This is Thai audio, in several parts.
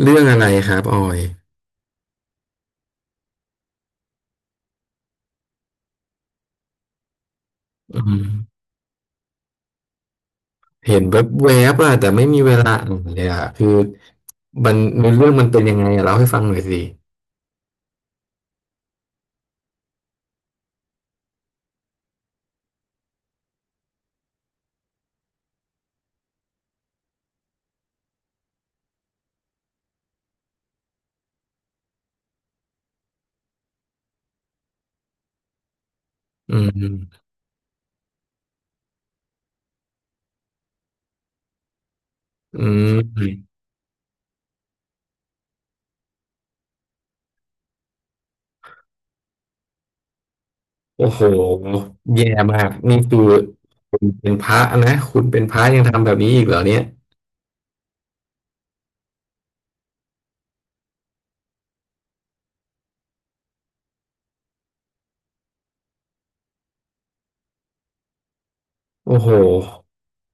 เรื่องอะไรครับออยเห็นแบบแวบๆอะแต่ไม่มีเวลาอ่านเลยอะคือมันเรื่องมันเป็นยังไงอะเล่าให้ฟังหน่อยสิอืมอืมโอ้โหแย่มากนี่คือคุณเป็นพระนะคุณเป็นพระยังทำแบบนี้อีกเหรอเนี่ยโอ้โห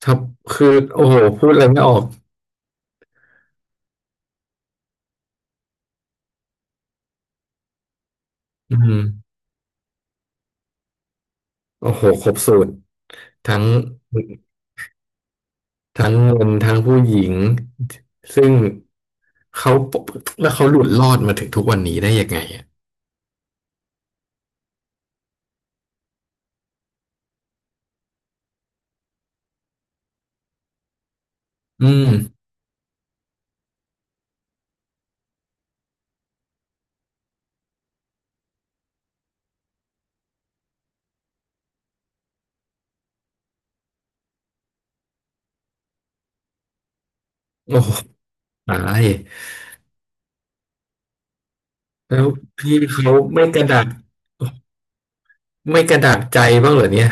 ทับคือโอ้โหพูดอะไรไม่ออกอืมโอ้โหครบสูตรทั้ง ทั้งเงินทั้งผู้หญิงซึ่งเขาแล้วเขาหลุดรอดมาถึงทุกวันนี้ได้ยังไงอ่ะอืมโอ้โหตายแล้วพี่เขาไม่กระดักใจบ้างเหรอเนี่ย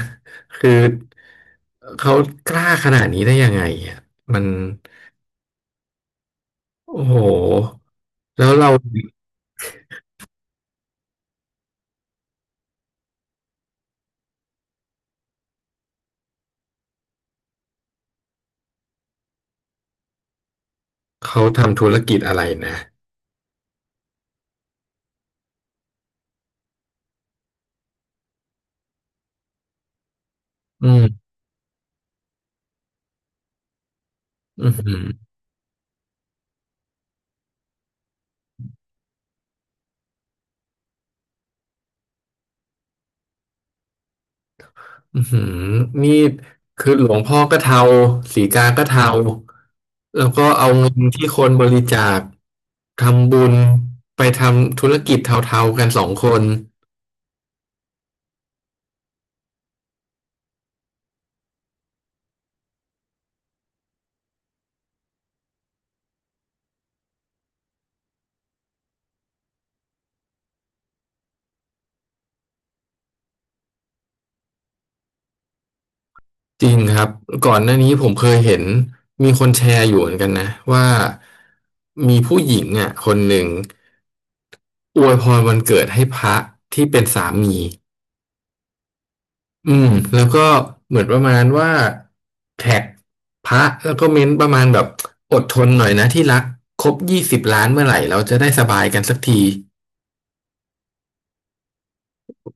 คือเขากล้าขนาดนี้ได้ยังไงอ่ะมันโอ้โหแล้วเราเขาทำธุรกิจอะไรนะอืมอืม อือหือนี่คือหลวงพ่อก็เทาสีกาก็เทาแล้วก็เอาเงินที่คนบริจาคทำบุญไปทำธุรกิจเทาๆกันสองคนจริงครับก่อนหน้านี้ผมเคยเห็นมีคนแชร์อยู่เหมือนกันนะว่ามีผู้หญิงอ่ะคนหนึ่งอวยพรวันเกิดให้พระที่เป็นสามี อืมแล้วก็เหมือนประมาณว่าแท็กพระแล้วก็เม้นประมาณแบบอดทนหน่อยนะที่รักครบยี่สิบล้านเมื่อไหร่เราจะได้สบายกันสักที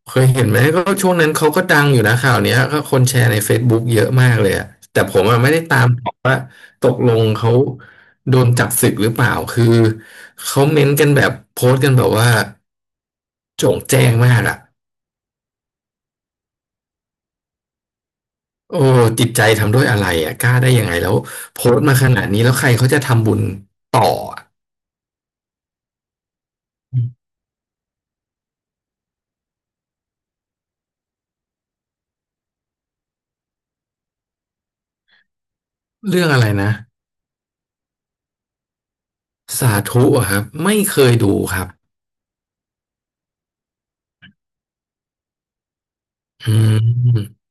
เคยเห็นไหมก็ช่วงนั้นเขาก็ดังอยู่นะข่าวเนี้ยก็คนแชร์ใน Facebook เยอะมากเลยอะแต่ผมอะไม่ได้ตามหรอกว่าตกลงเขาโดนจับสึกหรือเปล่าคือเขาเม้นกันแบบโพสต์กันแบบว่าโจ่งแจ้งมากอะ โอ้จิตใจทำด้วยอะไรอ่ะกล้าได้ยังไงแล้วโพสต์มาขนาดนี้แล้วใครเขาจะทำบุญต่ออะเรื่องอะไรนะสาธุอะครับไม่เคยดูครับอืม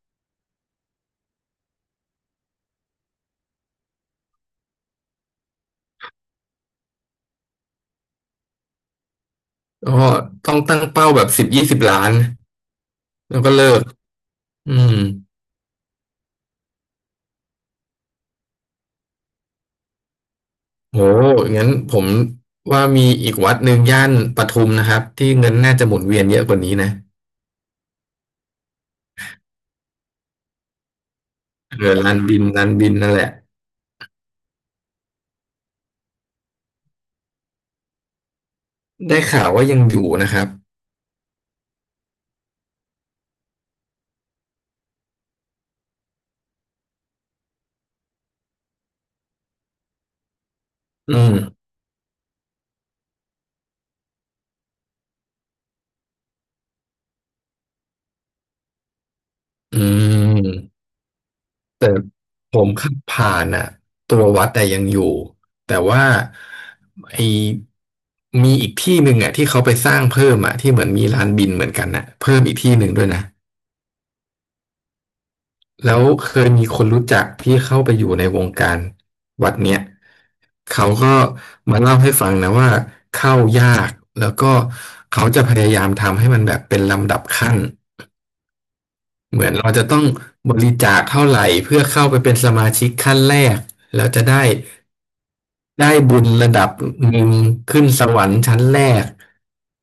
ก็ต้องตั้งเป้าแบบ10 20 ล้านแล้วก็เลิกอืมโหงั้นผมว่ามีอีกวัดหนึ่งย่านปทุมนะครับที่เงินน่าจะหมุนเวียนเยอะกว่านี้นะเออลานบินนั่นแหละได้ข่าวว่ายังอยู่นะครับอืมอืม แต่ผมขับผ่านอ่ะตัววัดแต่ยังอยู่ แต่ว่าไอมีอีกที่หนึ่งอ่ะที่เขาไปสร้างเพิ่มอ่ะที่เหมือนมีลานบินเหมือนกันน่ะเพิ่มอีกที่หนึ่งด้วยนะแล้วเคยมีคนรู้จักที่เข้าไปอยู่ในวงการวัดเนี้ยเขาก็มาเล่าให้ฟังนะว่าเข้ายากแล้วก็เขาจะพยายามทำให้มันแบบเป็นลำดับขั้นเหมือนเราจะต้องบริจาคเท่าไหร่เพื่อเข้าไปเป็นสมาชิกขั้นแรกแล้วจะได้ ได้บุญระดับหนึ่งขึ้นสวรรค์ชั้นแรก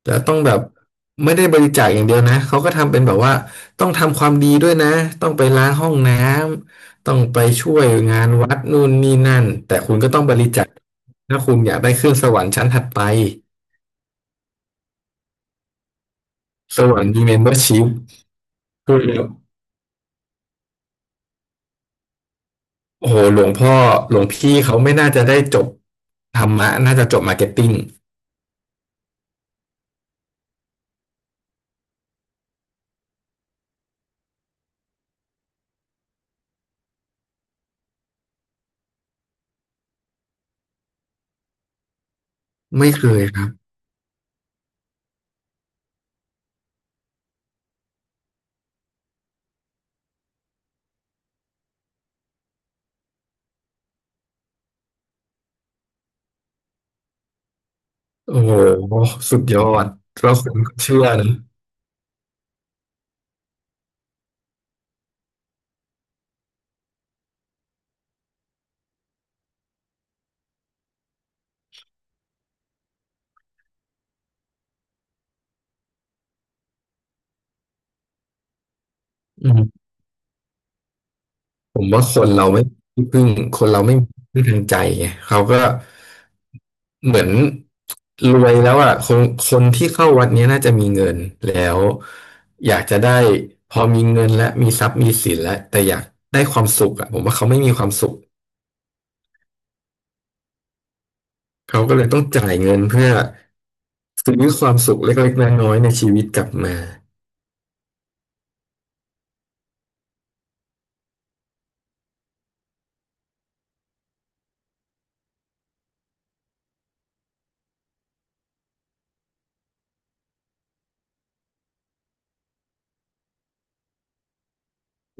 แต่ต้องแบบไม่ได้บริจาคอย่างเดียวนะเขาก็ทำเป็นแบบว่าต้องทำความดีด้วยนะต้องไปล้างห้องน้ำต้องไปช่วยงานวัดนู่นนี่นั่นแต่คุณก็ต้องบริจาคถ้าคุณอยากได้ขึ้นสวรรค์ชั้นถัดไปสวรรค์มีเมมเบอร์ชิพคือโอ้โหหลวงพ่อหลวงพี่เขาไม่น่าจะได้จบธรรมะน่าจะจบมาร์เก็ตติ้งไม่เคยครับโอ้โหสุดยอดเราคุก็เชื่อนะ อืมผมว่าคนเราไม่มีที่พึ่งคนเราไม่มีที่พึ่งทางใจไงเขาก็เหมือนรวยแล้วอ่ะคนคนที่เข้าวัดเนี้ยน่าจะมีเงินแล้วอยากจะได้พอมีเงินและมีทรัพย์มีสินแล้วแต่อยากได้ความสุขอ่ะผมว่าเขาไม่มีความสุขเขาก็เลยต้องจ่ายเงินเพื่อซื้อความสุขเล็กๆน้อยๆในชีวิตกลับมา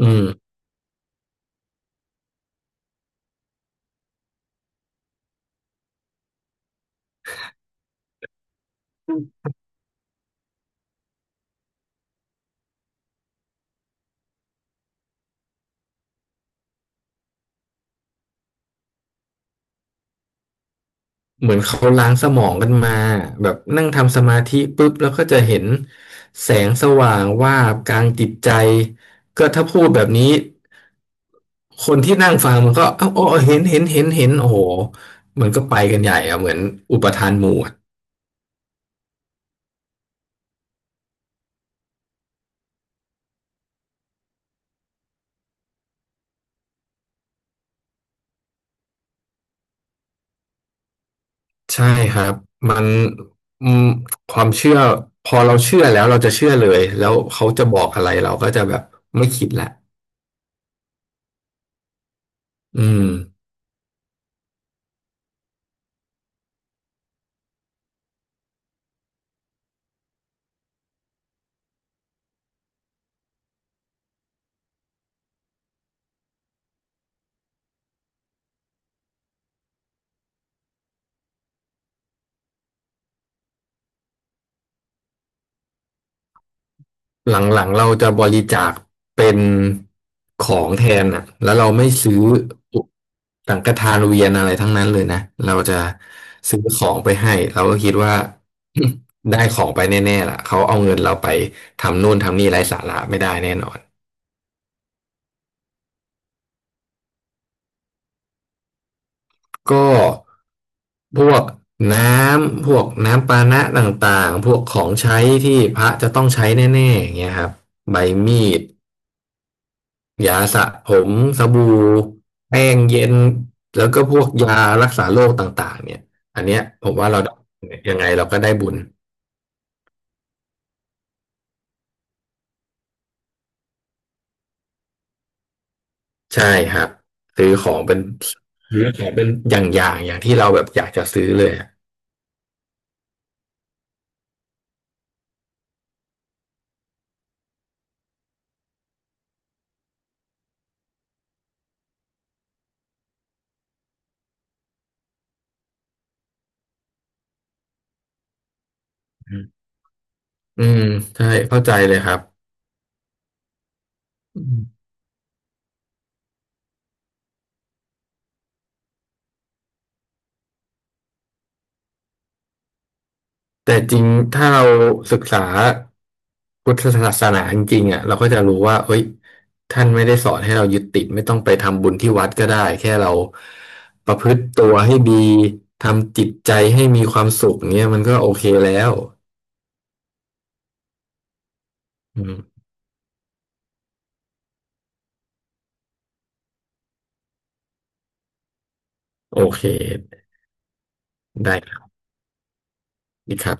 อืม เหมือนเขาล้างสมองกันมาแบบนั่งทำสมาธิปุ๊บแล้วก็จะเห็นแสงสว่างวาบกลางจิตใจก็ถ้าพูดแบบนี้คนที่นั่งฟังมันก็เอ้าอ๋อเห็นโอ้โหมันก็ไปกันใหญ่อะเหมือนอุปทานหมู่อะใช่ครับมันอืมความเชื่อพอเราเชื่อแล้วเราจะเชื่อเลยแล้วเขาจะบอกอะไรเราก็จะแบบไม่คิดละอืม หลังๆเราจะบริจาคเป็นของแทนอ่ะแล้วเราไม่ซื้อสังฆทานเวียนอะไรทั้งนั้นเลยนะเราจะซื้อของไปให้เราก็คิดว่า ได้ของไปแน่ๆล่ะเขาเอาเงินเราไปทำนู่นทำนี่ไร้สาระไม่ได้แน่นอนก็พวกน้พวกน้ำปานะต่างๆพวกของใช้ที่พระจะต้องใช้แน่ๆอย่างเงี้ยครับใบมีด ยาสระผมสบู่แป้งเย็นแล้วก็พวกยารักษาโรคต่างๆเนี่ยอันเนี้ยผมว่าเรายังไงเราก็ได้บุญใช่ครับซื้อของเป็นซื้อของเป็นอย่างๆอย่างที่เราแบบอยากจะซื้อเลยอะอืมใช่เข้าใจเลยครับ แต่จริงถ้าเราศึกษาพุทธศาสนาจริงๆอ่ะเราก็จะรู้ว่าเอ้ยท่านไม่ได้สอนให้เรายึดติดไม่ต้องไปทำบุญที่วัดก็ได้แค่เราประพฤติตัวให้ดีทำจิตใจให้มีความสุขเนี่ยมันก็โอเคแล้วอืมโอเคได้ครับดีครับ